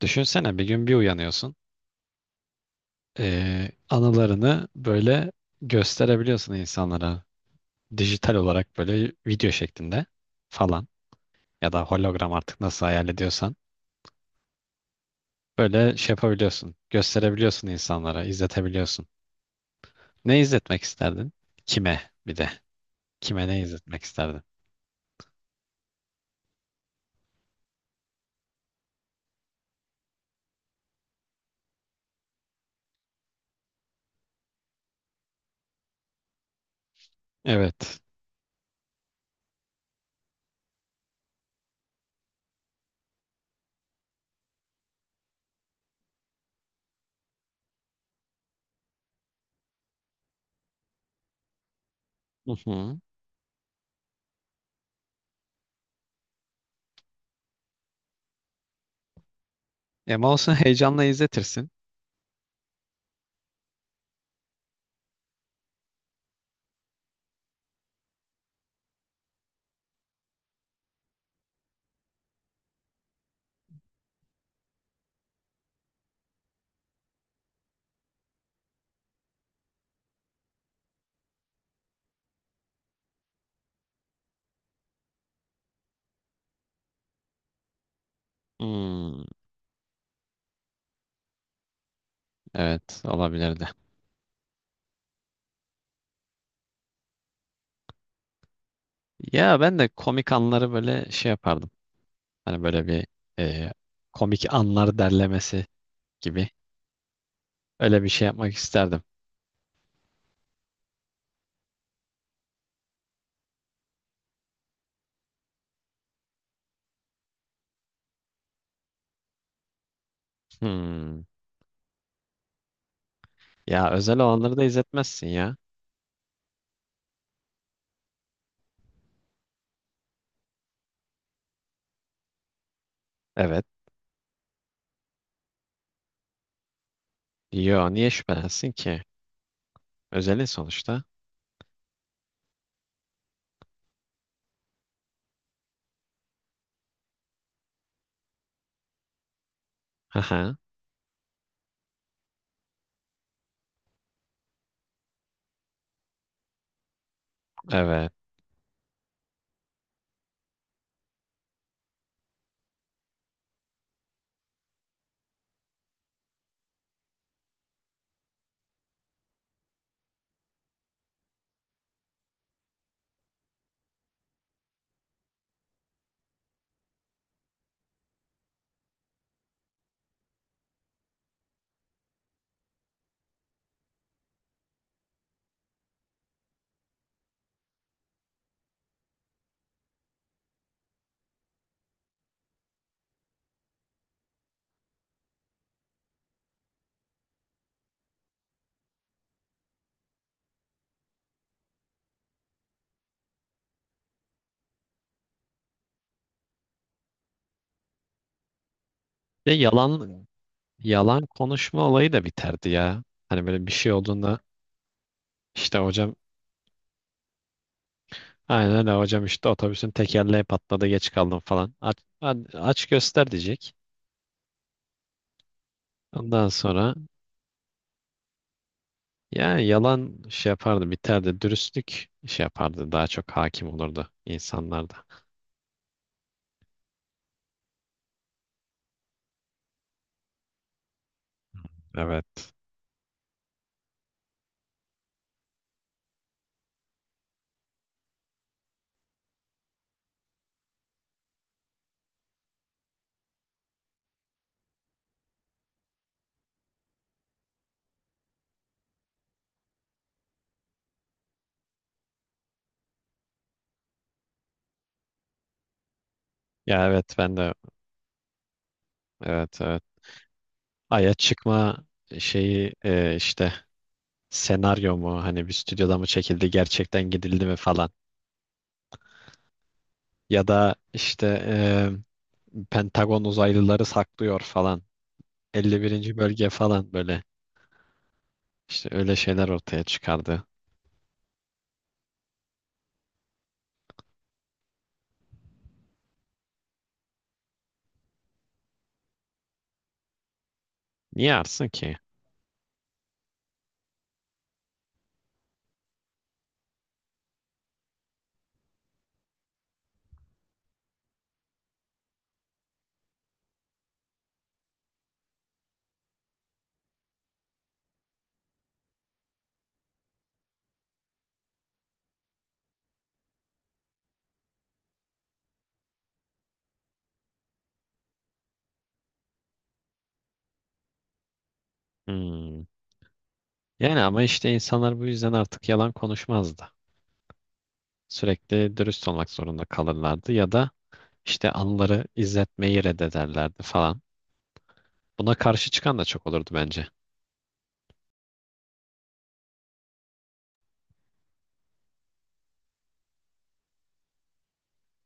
Düşünsene bir gün bir uyanıyorsun. Anılarını böyle gösterebiliyorsun insanlara. Dijital olarak böyle video şeklinde falan. Ya da hologram artık nasıl hayal ediyorsan. Böyle şey yapabiliyorsun. Gösterebiliyorsun insanlara. İzletebiliyorsun. Ne izletmek isterdin? Kime bir de. Kime ne izletmek isterdin? Evet. Hı hı. Ama olsun heyecanla izletirsin. Hmm, evet olabilirdi. Ya ben de komik anları böyle şey yapardım. Hani böyle bir e, komik anlar derlemesi gibi. Öyle bir şey yapmak isterdim. Hmm. Ya özel olanları da izletmezsin ya. Evet. Yo, niye şüphelensin ki? Özelin sonuçta. Haha. Evet. Ve yalan konuşma olayı da biterdi ya. Hani böyle bir şey olduğunda işte hocam, aynen öyle hocam, işte otobüsün tekerleği patladı, geç kaldım falan. Aç, aç göster diyecek. Ondan sonra yani yalan şey yapardı, biterdi. Dürüstlük şey yapardı. Daha çok hakim olurdu insanlarda. Evet. Ya evet ben de, evet evet. Ay'a çıkma şeyi, işte senaryo mu, hani bir stüdyoda mı çekildi, gerçekten gidildi mi falan. Ya da işte, Pentagon uzaylıları saklıyor falan. 51. bölge falan böyle. İşte öyle şeyler ortaya çıkardı. Niye arsın ki? Hmm. Yani ama işte insanlar bu yüzden artık yalan konuşmazdı. Sürekli dürüst olmak zorunda kalırlardı ya da işte anıları izletmeyi reddederlerdi falan. Buna karşı çıkan da çok olurdu bence.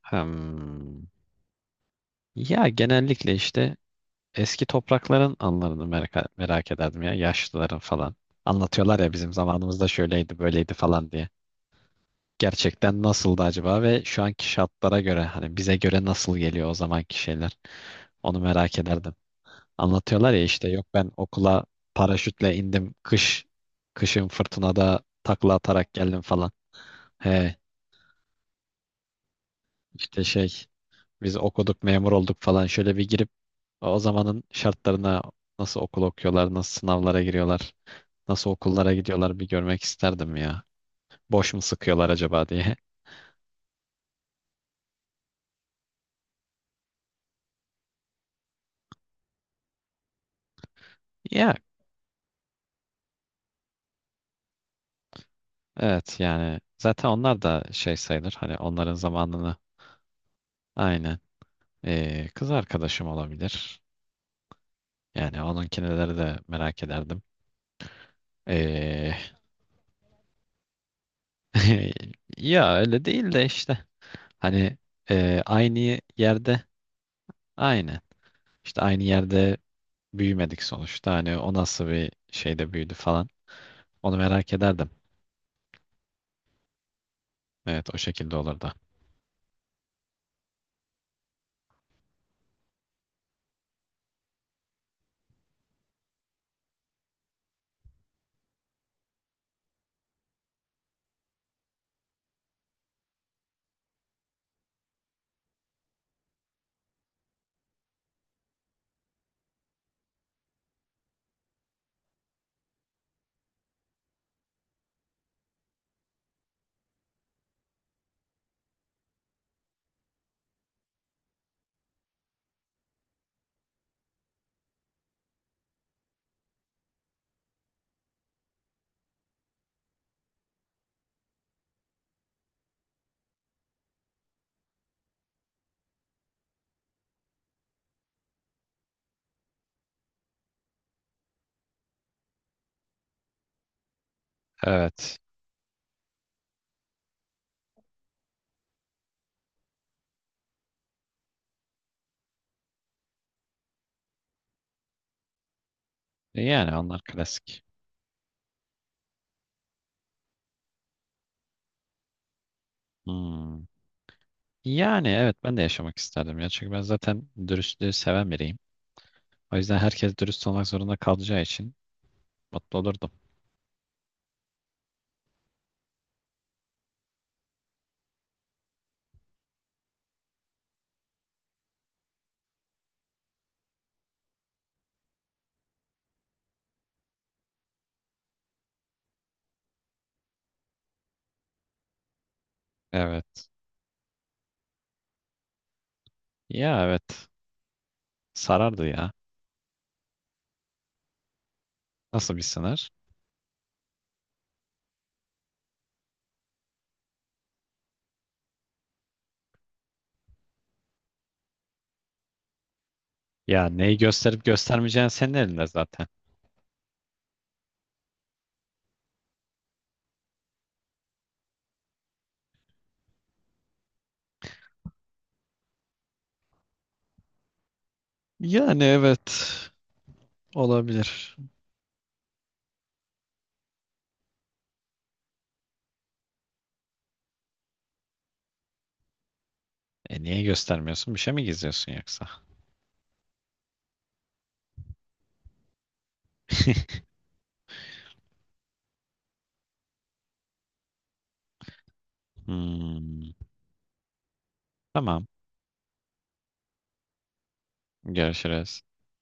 Hmm. Ya genellikle işte eski toprakların anılarını merak ederdim ya, yaşlıların falan. Anlatıyorlar ya bizim zamanımızda şöyleydi böyleydi falan diye. Gerçekten nasıldı acaba ve şu anki şartlara göre, hani bize göre nasıl geliyor o zamanki şeyler, onu merak ederdim. Anlatıyorlar ya işte, yok ben okula paraşütle indim, kışın fırtınada takla atarak geldim falan. He, işte şey, biz okuduk memur olduk falan, şöyle bir girip o zamanın şartlarına, nasıl okul okuyorlar, nasıl sınavlara giriyorlar, nasıl okullara gidiyorlar, bir görmek isterdim ya. Boş mu sıkıyorlar acaba diye. Ya evet, yani zaten onlar da şey sayılır, hani onların zamanını. Aynen. Kız arkadaşım olabilir. Yani onunkineleri de merak ederdim. Ee, ya öyle değil de işte hani, aynı yerde aynı işte aynı yerde büyümedik sonuçta, hani o nasıl bir şeyde büyüdü falan, onu merak ederdim. Evet o şekilde olurdu. Evet. Yani onlar klasik. Hmm. Yani evet ben de yaşamak isterdim ya, çünkü ben zaten dürüstlüğü seven biriyim. O yüzden herkes dürüst olmak zorunda kalacağı için mutlu olurdum. Evet, ya evet sarardı ya. Nasıl bir sınır? Ya neyi gösterip göstermeyeceğin senin elinde zaten. Yani evet olabilir. Niye göstermiyorsun? Bir şey mi gizliyorsun yoksa? Hmm, tamam. Görüşürüz.